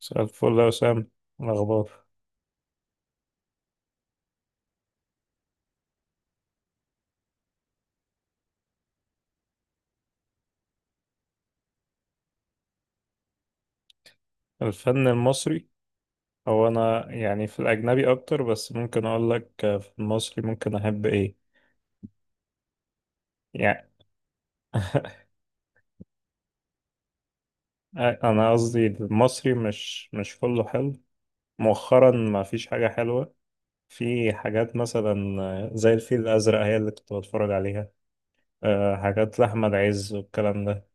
مساء الفل يا وسام. إيه الأخبار؟ الفن المصري، هو أنا يعني في الأجنبي أكتر، بس ممكن أقول لك في المصري ممكن أحب إيه يعني. أنا قصدي المصري مش كله حلو، مؤخرا ما فيش حاجة حلوة. في حاجات مثلا زي الفيل الأزرق هي اللي كنت بتفرج عليها. حاجات لأحمد عز والكلام ده.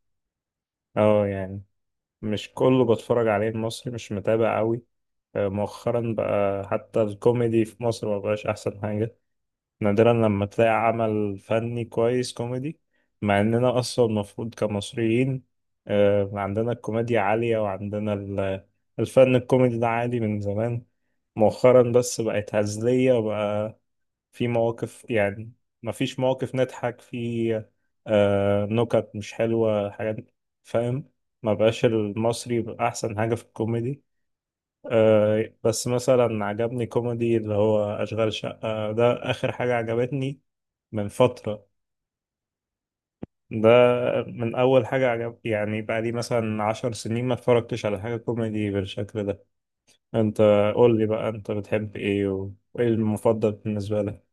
اه يعني مش كله بتفرج عليه المصري، مش متابع قوي. مؤخرا بقى حتى الكوميدي في مصر مبقاش أحسن حاجة. نادرا لما تلاقي عمل فني كويس كوميدي. مع اننا اصلا المفروض كمصريين عندنا الكوميديا عالية وعندنا الفن الكوميدي ده عالي من زمان. مؤخرا بس بقت هزلية، وبقى في مواقف يعني. مفيش مواقف نضحك في، نكت مش حلوة حاجات. فاهم. ما بقاش المصري بقى احسن حاجة في الكوميدي. بس مثلا عجبني كوميدي اللي هو أشغال شقة ده آخر حاجة عجبتني من فترة. ده من أول حاجة عجب يعني، بقى لي مثلا 10 سنين ما اتفرجتش على حاجة كوميدي بالشكل ده. أنت قول لي بقى، أنت بتحب إيه وإيه المفضل بالنسبة لك؟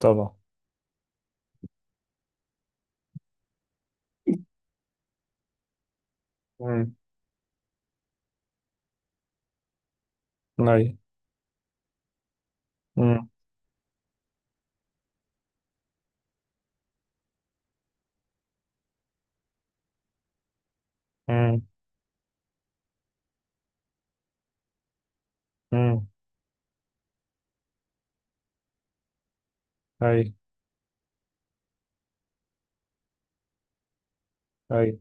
طبعا. امم. أي. امم. امم. امم. أي. أي.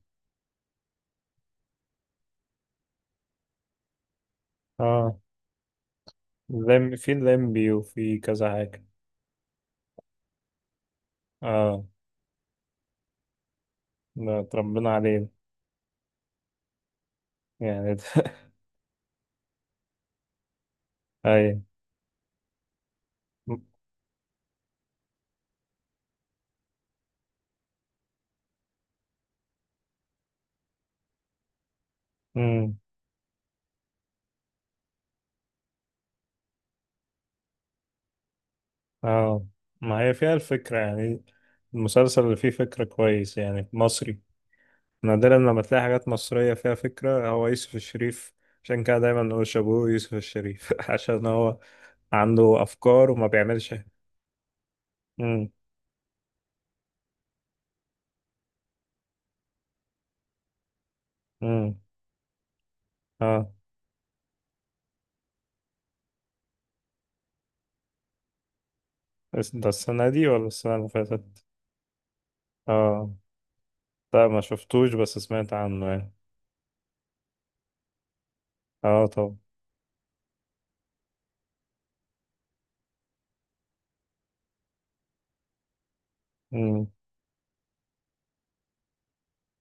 آه. لم في الليمبي وفي كذا حاجة. آه. لا، اتربينا عليه يعني ده. أي. امم. آه. ما هي فيها الفكرة يعني، المسلسل اللي فيه فكرة كويس يعني مصري. نادرا لما تلاقي حاجات مصرية فيها فكرة، هو يوسف الشريف. عشان كده دايما نقول شابوه يوسف الشريف عشان هو عنده أفكار وما بيعملش. امم. امم. اه، بس ده السنة دي ولا السنة اللي فاتت؟ اه. لا، ما شفتوش بس سمعت عنه يعني. اه طبعا. امم.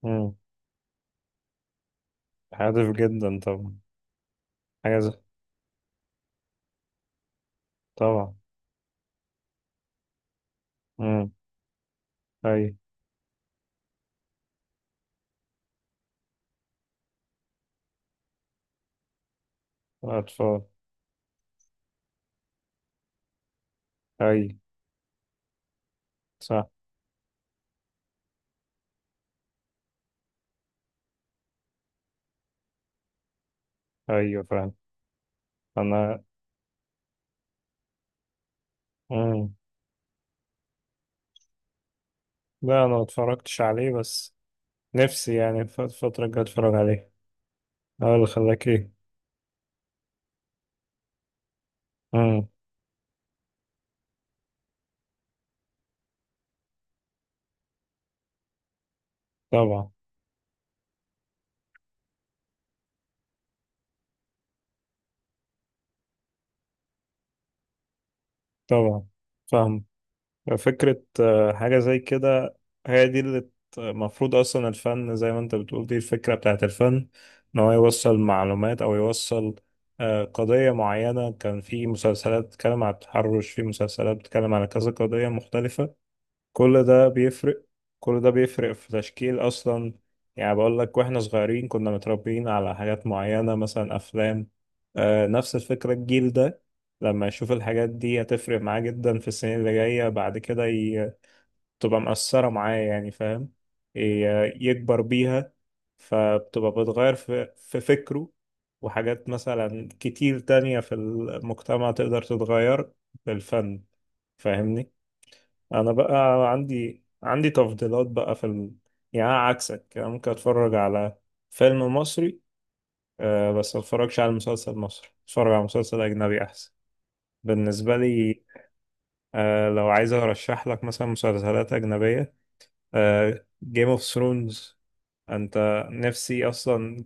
امم. هادف جدا طبعا. حاجة زي. طبعا. امم. أي. أطفال. أي. صح. أيوة فعلا. أنا. امم. لا، أنا ما اتفرجتش عليه بس نفسي يعني الفترة الجاية أتفرج عليه. اه، اللي خلاك إيه؟ مم. طبعا. طبعا. فاهم. فكرة حاجة زي كده. هي دي اللي المفروض أصلا الفن زي ما أنت بتقول دي الفكرة بتاعت الفن، إن هو يوصل معلومات أو يوصل قضية معينة. كان في مسلسلات بتتكلم عن التحرش، في مسلسلات بتتكلم على كذا قضية مختلفة. كل ده بيفرق. كل ده بيفرق في تشكيل أصلا. يعني بقول لك، واحنا صغيرين كنا متربيين على حاجات معينة مثلا أفلام. آه نفس الفكرة. الجيل ده لما يشوف الحاجات دي هتفرق معاه جدا في السنين اللي جاية بعد كده تبقى مأثرة معاه يعني، فاهم. يكبر بيها، فبتبقى بتغير في فكره. وحاجات مثلا كتير تانية في المجتمع تقدر تتغير بالفن. فاهمني. انا بقى عندي تفضيلات بقى يعني أنا عكسك. أنا ممكن اتفرج على فيلم مصري، أه، بس ما اتفرجش على مسلسل مصري. اتفرج على مسلسل اجنبي احسن بالنسبه لي. أه لو عايز ارشح لك مثلا مسلسلات اجنبيه، أه جيم اوف ثرونز. انت نفسي اصلا.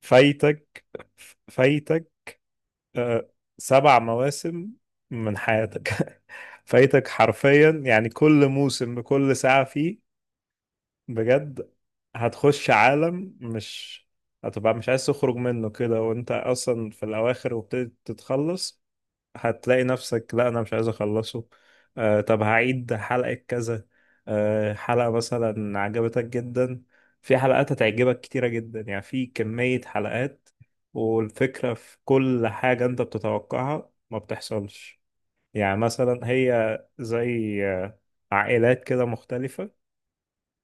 فايتك. فايتك. أه 7 مواسم من حياتك. فايتك حرفيا يعني كل موسم بكل ساعه فيه، بجد. هتخش عالم مش هتبقى مش عايز تخرج منه كده. وانت اصلا في الاواخر وابتدي تتخلص هتلاقي نفسك، لا انا مش عايز اخلصه. آه طب هعيد حلقة كذا. آه حلقة مثلا عجبتك جدا، في حلقات هتعجبك كتيرة جدا يعني، في كمية حلقات. والفكرة في كل حاجة انت بتتوقعها ما بتحصلش. يعني مثلا هي زي عائلات كده مختلفة.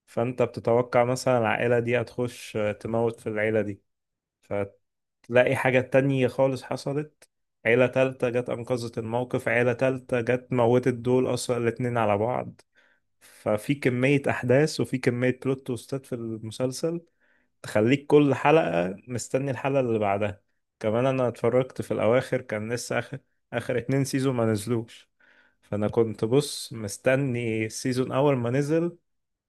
فانت بتتوقع مثلا العائلة دي هتخش تموت في العيلة دي، فتلاقي حاجة تانية خالص حصلت. عيلة تالتة جت أنقذت الموقف، عيلة تالتة جت موتت دول أصلا الاتنين على بعض. ففي كمية أحداث وفي كمية بلوت تويستات في المسلسل، تخليك كل حلقة مستني الحلقة اللي بعدها. كمان أنا اتفرجت في الأواخر كان لسه آخر 2 سيزون ما نزلوش. فأنا كنت بص مستني السيزون أول ما نزل.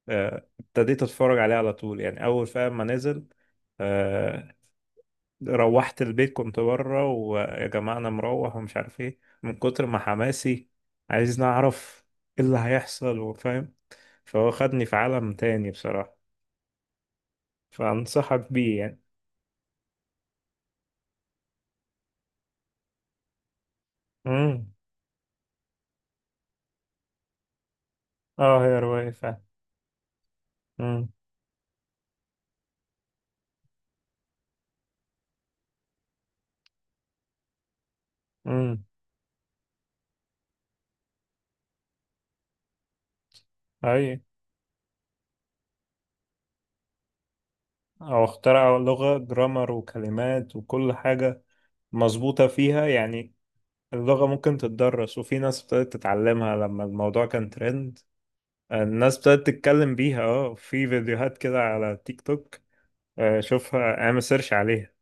ابتديت اتفرج عليه على طول يعني اول فاهم ما نزل. آه، روحت البيت كنت بره. ويا جماعه انا مروح ومش عارف ايه من كتر ما حماسي، عايز نعرف ايه اللي هيحصل وفاهم. فهو خدني في عالم تاني بصراحه. فانصحك بيه يعني. امم. اه هي روايه فعلا. امم. امم. اي. او اخترع لغه جرامر وكلمات وكل حاجه مظبوطه فيها يعني. اللغة ممكن تتدرس وفي ناس ابتدت تتعلمها لما الموضوع كان ترند. الناس بدأت تتكلم بيها. اه، في فيديوهات كده على تيك توك. شوفها اعمل سيرش عليها.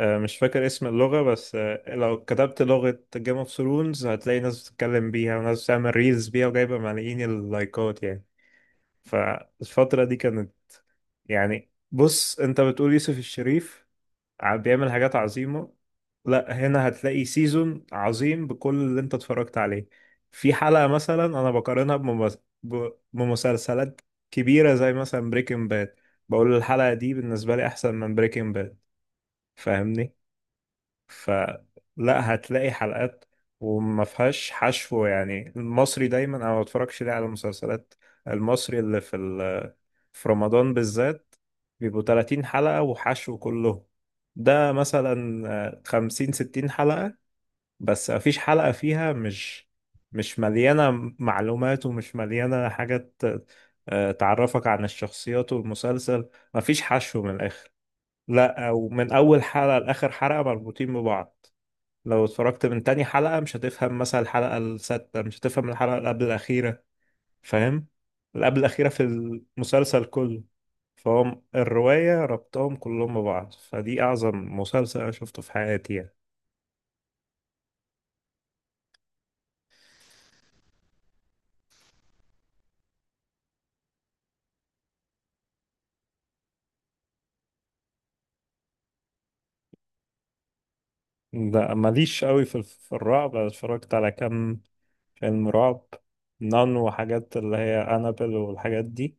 مش فاكر اسم اللغة بس. لو كتبت لغة جيم اوف ثرونز هتلاقي ناس بتتكلم بيها وناس بتعمل ريلز بيها وجايبة ملايين اللايكات يعني. فالفترة دي كانت. يعني بص، انت بتقول يوسف الشريف بيعمل حاجات عظيمة. لا، هنا هتلاقي سيزون عظيم بكل اللي انت اتفرجت عليه. في حلقة مثلا انا بقارنها بمسلسلات كبيرة زي مثلا بريكنج باد. بقول الحلقة دي بالنسبة لي احسن من بريكنج باد. فاهمني. فلا هتلاقي حلقات وما فيهاش حشو. يعني المصري دايما انا ما بتفرجش ليه على المسلسلات المصري اللي في رمضان بالذات بيبقوا 30 حلقة وحشو كله. ده مثلا 50 60 حلقة بس مفيش حلقة فيها مش مليانة معلومات ومش مليانة حاجات. تعرفك عن الشخصيات والمسلسل. مفيش حشو من الآخر. لا، ومن أول حلقة لآخر حلقة مربوطين ببعض. لو اتفرجت من تاني حلقة مش هتفهم مثلا الحلقة السادسة، مش هتفهم الحلقة اللي قبل الأخيرة. فاهم؟ اللي قبل الأخيرة في المسلسل كله، فهم الرواية ربطهم كلهم ببعض. فدي أعظم مسلسل أنا شفته في حياتي يعني. لا ماليش قوي في الرعب. أنا اتفرجت على كام فيلم رعب، نان وحاجات اللي هي أنابل والحاجات دي.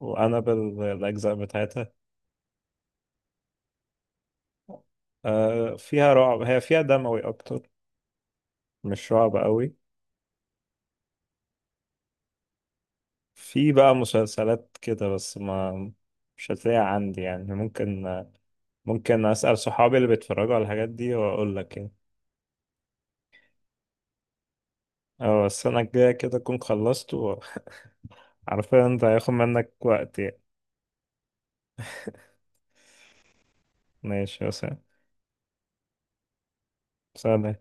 وأنابل الأجزاء بتاعتها فيها رعب، هي فيها دموي أكتر مش رعب قوي. في بقى مسلسلات كده بس ما مش هتلاقيها عندي يعني. ممكن أسأل صحابي اللي بيتفرجوا على الحاجات دي وأقول لك يعني. أو السنة الجاية كده أكون خلصت وعارفين. أنت هياخد منك وقت يعني. ماشي يا سلام. سلام.